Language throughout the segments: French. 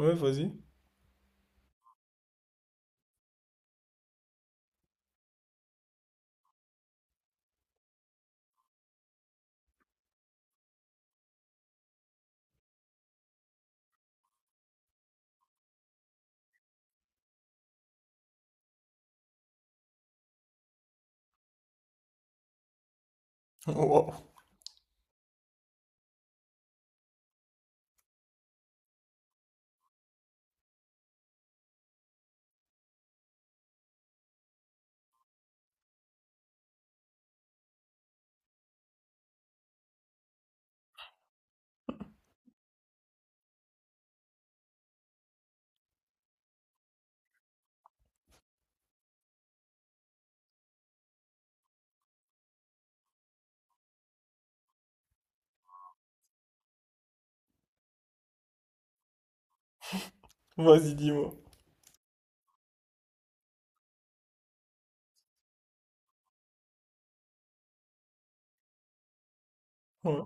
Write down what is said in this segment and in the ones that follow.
Ouais, vas-y. Wow. Vas-y, dis-moi. Ouais.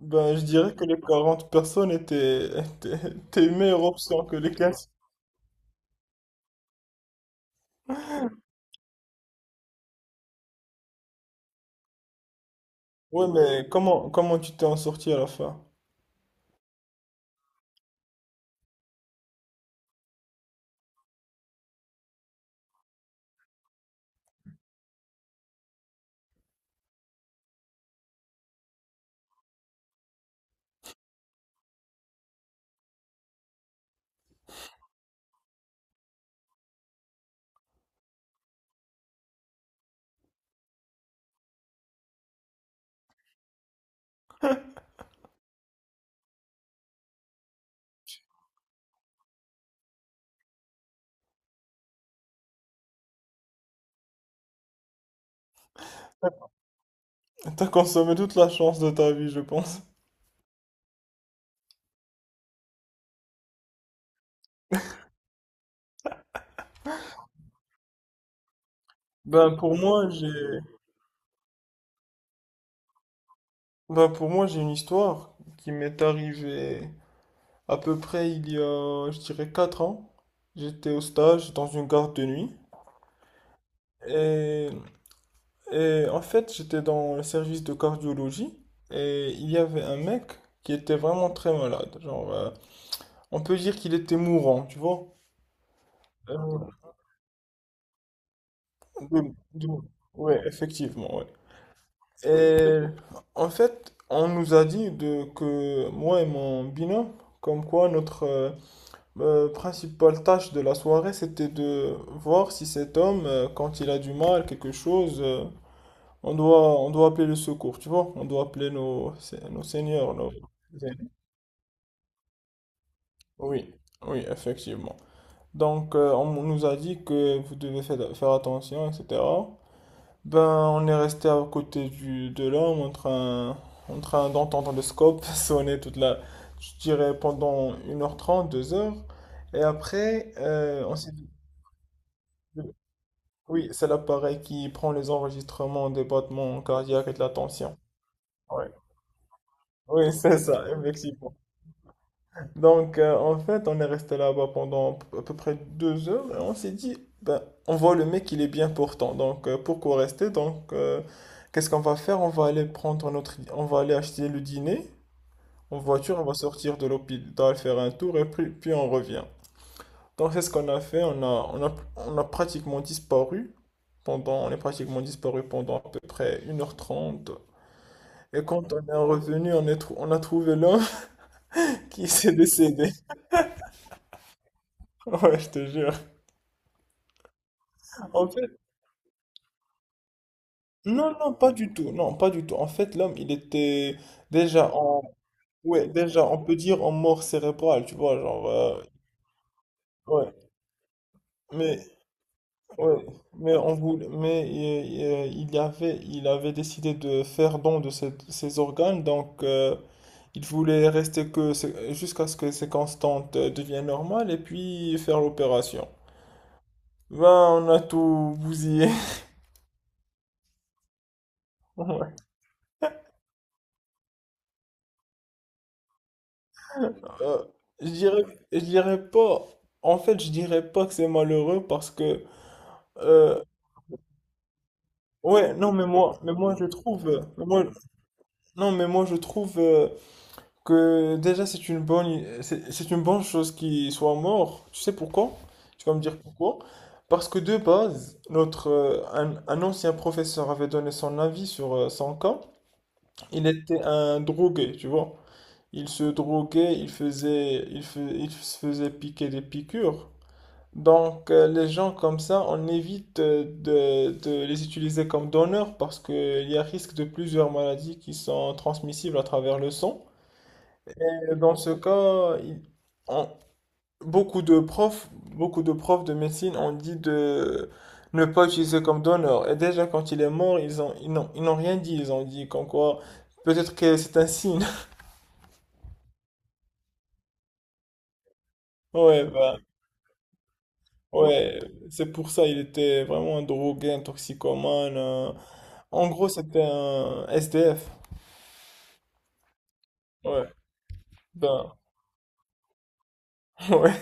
Ben, je dirais que les 40 personnes étaient, étaient tes meilleures options que les 15. Ouais, mais comment, comment tu t'es en sorti à la fin? T'as consommé toute la chance de ta vie, je pense. Ben, pour moi, j'ai, ben, pour moi, j'ai une histoire qui m'est arrivée à peu près il y a, je dirais, 4 ans. J'étais au stage dans une garde de nuit. Et Et en fait, j'étais dans le service de cardiologie et il y avait un mec qui était vraiment très malade. Genre, on peut dire qu'il était mourant, tu vois. Euh, de- de- ouais, effectivement, ouais. Et en fait, on nous a dit de, que moi et mon binôme, comme quoi notre principale tâche de la soirée, c'était de voir si cet homme, quand il a du mal, quelque chose, on doit, on doit appeler le secours, tu vois? On doit appeler nos, nos seigneurs, nos... Oui, oui, effectivement. Donc, on nous a dit que vous devez faire, faire attention, etc. Ben, on est resté à côté du, de l'homme en train d'entendre le scope sonner toute la, je dirais, pendant une heure trente deux heures. Et après, on s'est dit, oui, c'est l'appareil qui prend les enregistrements des battements cardiaques et de la tension. Ouais. Oui, c'est ça, effectivement. Donc, en fait, on est resté là-bas pendant à peu près deux heures et on s'est dit, ben, on voit le mec, il est bien portant. Donc, pourquoi rester? Donc, qu'est-ce qu'on va faire? On va aller prendre notre, on va aller acheter le dîner en voiture, on va sortir de l'hôpital, faire un tour et puis, puis on revient. Donc, c'est ce qu'on a fait. On a pratiquement disparu pendant, on est pratiquement disparu pendant à peu près une heure trente. Et quand on est revenu, on a trouvé l'homme qui s'est décédé. Ouais, je te jure. En fait, Non, non, pas du tout. Non, pas du tout. En fait, l'homme, il était déjà en, ouais, déjà, on peut dire en mort cérébrale, tu vois, genre, ouais. Mais, ouais, mais on voulait, mais il y avait, il avait décidé de faire don de ses, ses organes, donc il voulait rester jusqu'à ce que ses constantes deviennent normales et puis faire l'opération. Ben, on a tout bousillé. Euh, je dirais, je dirais pas. En fait, je dirais pas que c'est malheureux parce que, euh, ouais, non, mais moi, je trouve, mais moi, non, mais moi, je trouve que déjà c'est une bonne chose qu'il soit mort. Tu sais pourquoi? Tu vas me dire pourquoi? Parce que de base, notre, un ancien professeur avait donné son avis sur son cas. Il était un drogué, tu vois. Il se droguait, il faisait, il fais- Il se faisait piquer des piqûres. Donc, les gens comme ça, on évite de les utiliser comme donneurs parce qu'il y a risque de plusieurs maladies qui sont transmissibles à travers le sang. Et dans ce cas, on- beaucoup de profs de médecine ont dit de ne pas utiliser comme donneur. Et déjà, quand il est mort, ils n'ont rien dit. Ils ont dit comme quoi, peut-être que c'est un signe. Ouais, bah, ouais, c'est pour ça, il était vraiment un drogué, un toxicomane. En gros, c'était un SDF. Ouais. Ben, ouais.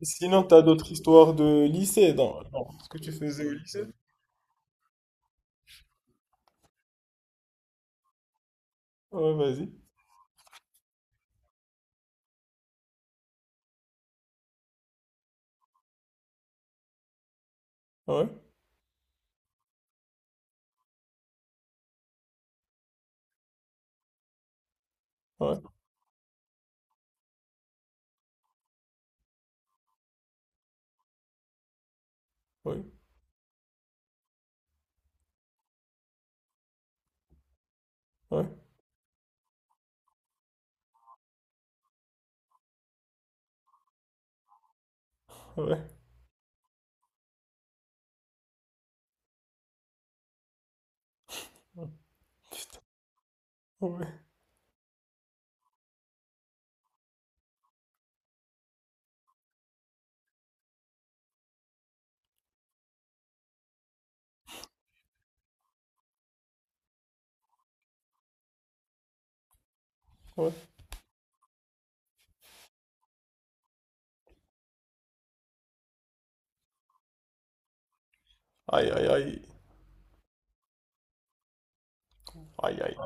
Sinon, t'as d'autres histoires de lycée dans, dans ce que tu faisais au lycée? Ouais, vas-y. Ouais, ouais, ouais, ouais, ouais. Putain, ouais, ouais. Aïe, aïe, aïe. Aïe, aïe.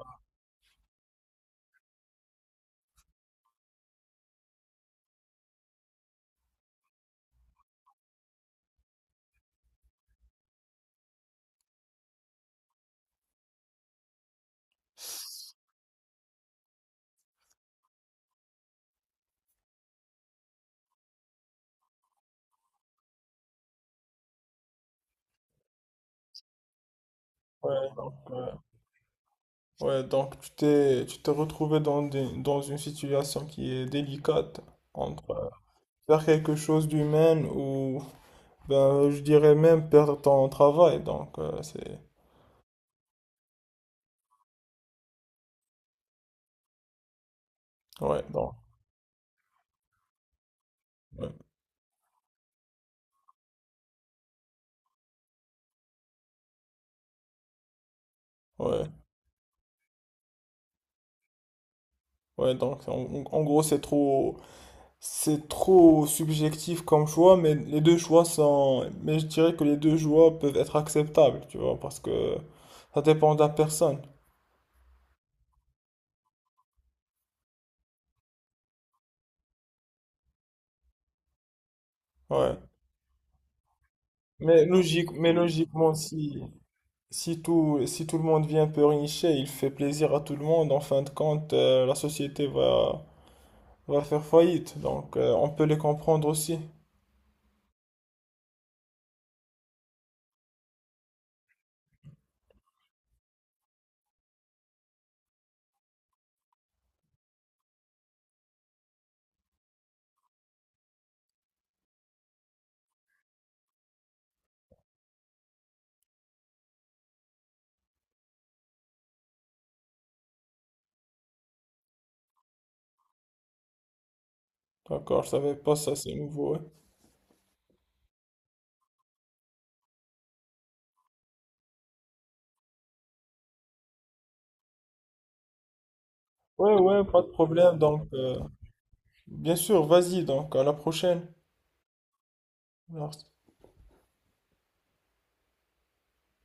Ouais, donc, euh, ouais, donc tu t'es retrouvé dans une situation qui est délicate entre faire quelque chose d'humain ou, ben, je dirais même perdre ton travail. Donc, c'est. Ouais, donc, ouais, ouais. Ouais, donc en, en gros, c'est trop subjectif comme choix, mais les deux choix sont, mais je dirais que les deux choix peuvent être acceptables, tu vois, parce que ça dépend de la personne. Ouais. Mais logique, mais logiquement, si, si tout, si tout le monde vient un peu richer, il fait plaisir à tout le monde, en fin de compte, la société va, va faire faillite, donc on peut les comprendre aussi. D'accord, je savais pas ça, c'est nouveau. Ouais, ouais, ouais, pas de problème, donc. Bien sûr, vas-y donc, à la prochaine. Merci.